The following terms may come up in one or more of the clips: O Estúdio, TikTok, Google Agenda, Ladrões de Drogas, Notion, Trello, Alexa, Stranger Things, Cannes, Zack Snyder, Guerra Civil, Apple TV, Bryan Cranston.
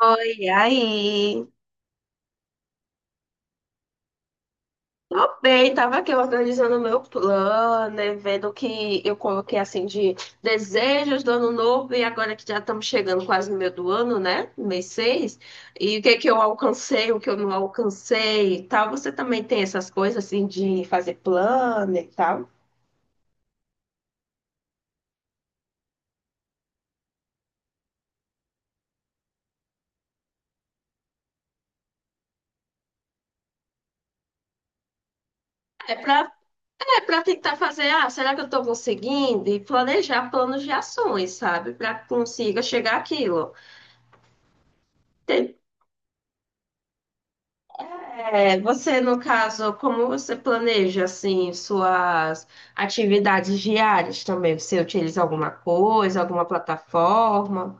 Oi, aí? Tô bem, tava aqui organizando o meu plano, né, vendo o que eu coloquei assim de desejos do ano novo e agora que já estamos chegando quase no meio do ano, né? Mês 6. E o que que eu alcancei, o que eu não alcancei e tal. Você também tem essas coisas assim de fazer plano e tal? É pra, é pra tentar fazer, ah, será que eu tô conseguindo? E planejar planos de ações, sabe? Pra que consiga chegar àquilo. É, você, no caso, como você planeja, assim, suas atividades diárias também? Você utiliza alguma coisa, alguma plataforma,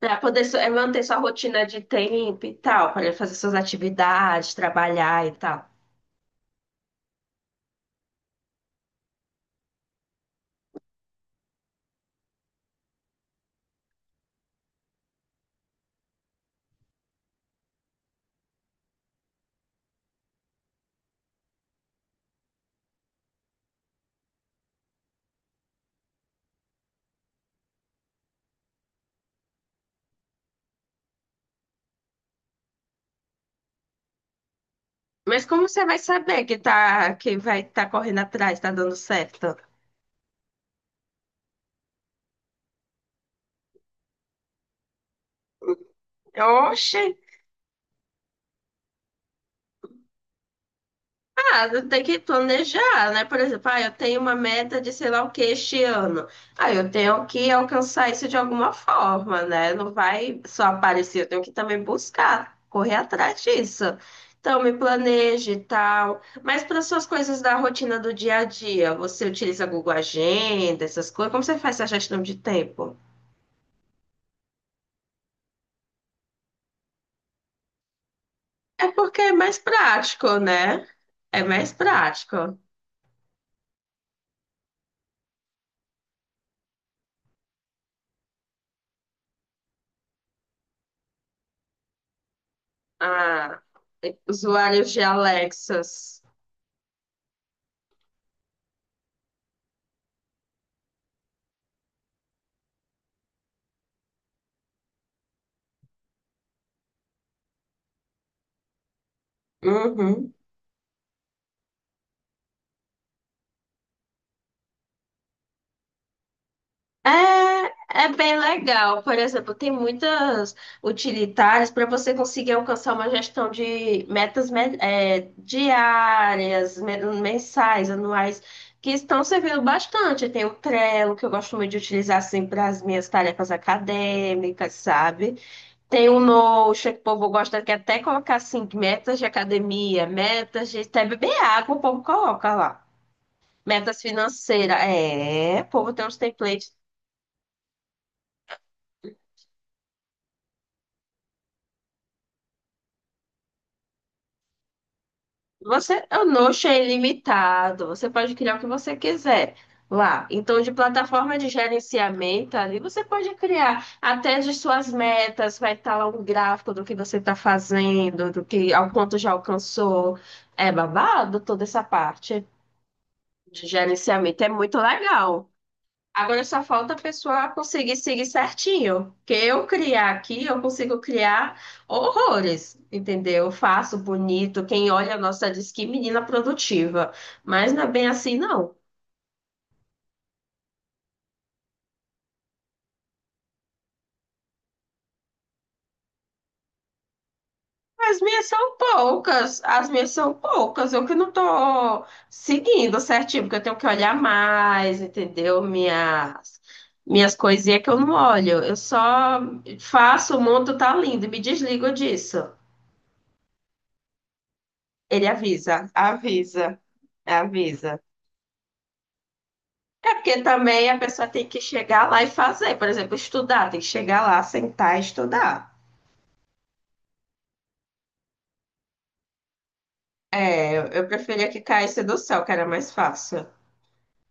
para poder manter sua rotina de tempo e tal, para fazer suas atividades, trabalhar e tal. Mas como você vai saber que tá, que vai estar correndo atrás, tá dando certo? Oxe! Ah, tem que planejar, né? Por exemplo, ah, eu tenho uma meta de sei lá o que este ano. Ah, eu tenho que alcançar isso de alguma forma, né? Não vai só aparecer, eu tenho que também buscar, correr atrás disso. Então, me planeje e tal. Mas para suas coisas da rotina do dia a dia, você utiliza Google Agenda, essas coisas? Como você faz essa gestão de tempo? É porque é mais prático, né? É mais prático. Ah, usuários de Alexas. Uhum. É, é bem legal. Por exemplo, tem muitas utilitárias para você conseguir alcançar uma gestão de metas diárias, mensais, anuais, que estão servindo bastante. Tem o Trello, que eu gosto muito de utilizar assim para as minhas tarefas acadêmicas, sabe? Tem o Notion, que o povo gosta que é até colocar assim, metas de academia, metas de até beber água, o povo coloca lá. Metas financeiras. É, o povo tem uns templates. Você, o Notion é ilimitado, você pode criar o que você quiser lá. Então, de plataforma de gerenciamento ali, você pode criar até de suas metas, vai estar lá um gráfico do que você está fazendo, do que ao quanto já alcançou. É babado toda essa parte de gerenciamento, é muito legal. Agora só falta a pessoa conseguir seguir certinho. Que eu criar aqui, eu consigo criar horrores, entendeu? Eu faço bonito, quem olha, nossa, diz que menina produtiva. Mas não é bem assim, não. As minhas são poucas, as minhas são poucas. Eu que não tô seguindo certinho, porque eu tenho que olhar mais, entendeu? Minhas, minhas coisinhas que eu não olho. Eu só faço, o mundo tá lindo e me desligo disso. Ele avisa, avisa, avisa. É porque também a pessoa tem que chegar lá e fazer, por exemplo, estudar, tem que chegar lá, sentar e estudar. É, eu preferia que caísse do céu, que era mais fácil.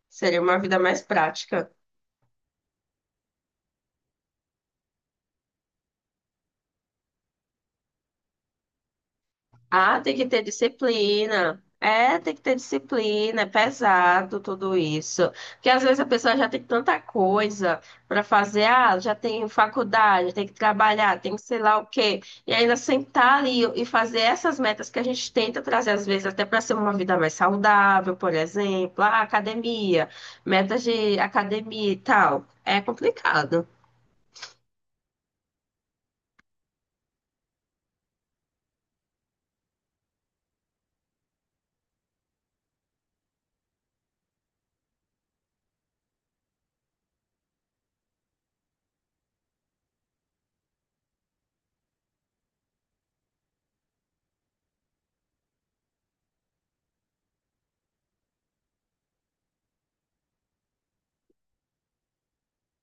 Seria uma vida mais prática. Ah, tem que ter disciplina. É, tem que ter disciplina, é pesado tudo isso. Porque às vezes a pessoa já tem tanta coisa para fazer, ah, já tem faculdade, tem que trabalhar, tem que sei lá o quê. E ainda sentar ali e fazer essas metas que a gente tenta trazer, às vezes, até para ser uma vida mais saudável, por exemplo, ah, academia, metas de academia e tal. É complicado.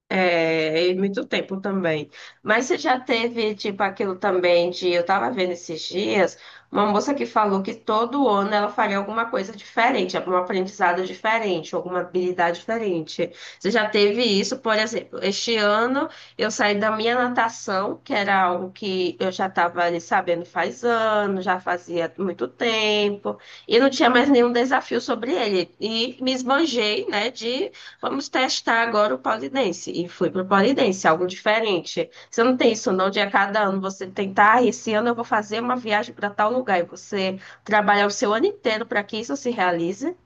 É, e muito tempo também. Mas você já teve, tipo, aquilo também de. Eu tava vendo esses dias uma moça que falou que todo ano ela faria alguma coisa diferente, algum aprendizado diferente, alguma habilidade diferente. Você já teve isso, por exemplo, este ano eu saí da minha natação, que era algo que eu já estava ali sabendo faz anos, já fazia muito tempo, e não tinha mais nenhum desafio sobre ele. E me esbanjei, né, vamos testar agora o pole dance. E fui pro pole dance, algo diferente. Você não tem isso, não, de a cada ano você tentar, ah, esse ano eu vou fazer uma viagem para tal lugar, e você trabalhar o seu ano inteiro para que isso se realize.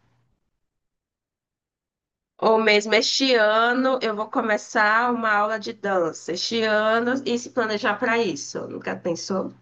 Ou mesmo este ano eu vou começar uma aula de dança, este ano e se planejar para isso. Nunca pensou?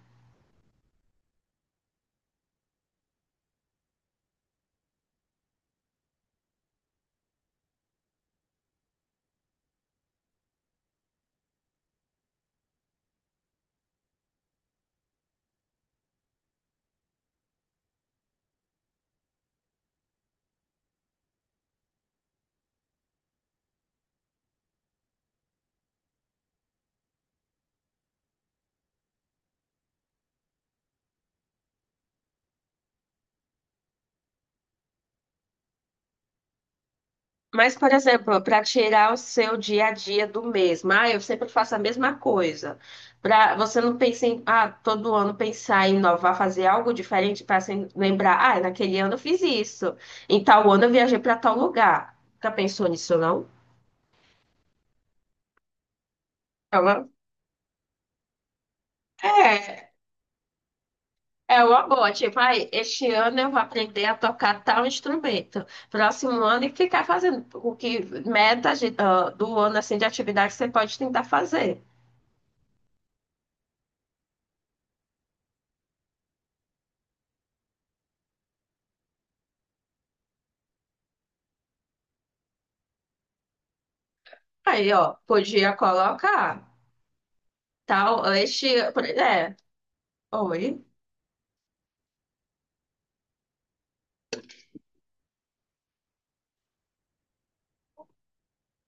Mas, por exemplo, para tirar o seu dia a dia do mesmo, ah, eu sempre faço a mesma coisa. Para você não pensar em, ah, todo ano pensar em inovar, fazer algo diferente para se lembrar, ah, naquele ano eu fiz isso, em tal ano eu viajei para tal lugar. Já pensou nisso, não? Ela, é, é uma boa. Tipo, ai, este ano eu vou aprender a tocar tal instrumento. Próximo ano e ficar fazendo o que meta do ano assim de atividade que você pode tentar fazer. Aí, ó, podia colocar tal, este, é, oi.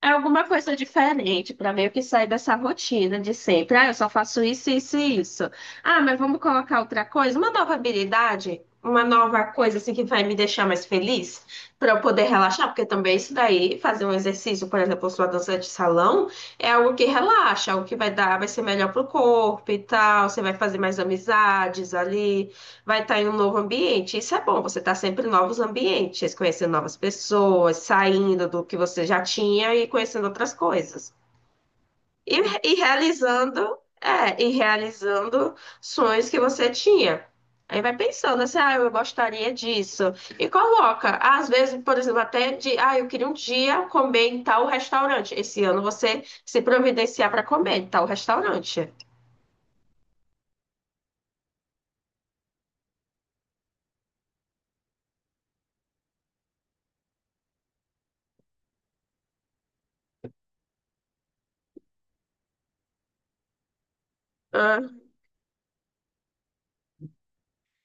É alguma coisa diferente para meio que sair dessa rotina de sempre. Ah, eu só faço isso, isso e isso. Ah, mas vamos colocar outra coisa, uma nova habilidade, uma nova coisa assim que vai me deixar mais feliz, para eu poder relaxar, porque também isso daí, fazer um exercício, por exemplo, sua dança de salão, é algo que relaxa, algo que vai dar, vai ser melhor pro corpo e tal, você vai fazer mais amizades ali. Vai estar em um novo ambiente. Isso é bom, você está sempre em novos ambientes, conhecendo novas pessoas, saindo do que você já tinha e conhecendo outras coisas. E, e realizando sonhos que você tinha. Aí vai pensando assim, ah, eu gostaria disso. E coloca, às vezes, por exemplo, até de, ah, eu queria um dia comer em tal restaurante. Esse ano você se providenciar para comer em tal restaurante.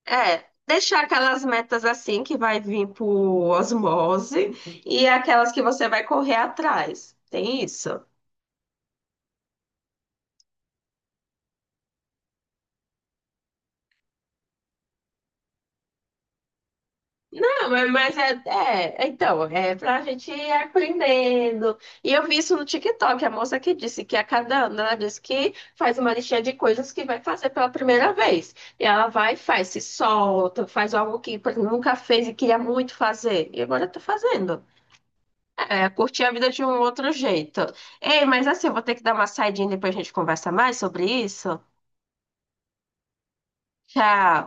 É, deixar aquelas metas assim que vai vir por osmose e aquelas que você vai correr atrás. Tem isso? Não, mas é, é, então, é pra gente ir aprendendo. E eu vi isso no TikTok, a moça que disse que a cada ano ela disse que faz uma listinha de coisas que vai fazer pela primeira vez. E ela vai e faz, se solta, faz algo que nunca fez e queria muito fazer. E agora tá fazendo. É, curtir a vida de um outro jeito. Ei, mas assim, eu vou ter que dar uma saidinha depois a gente conversa mais sobre isso. Tchau.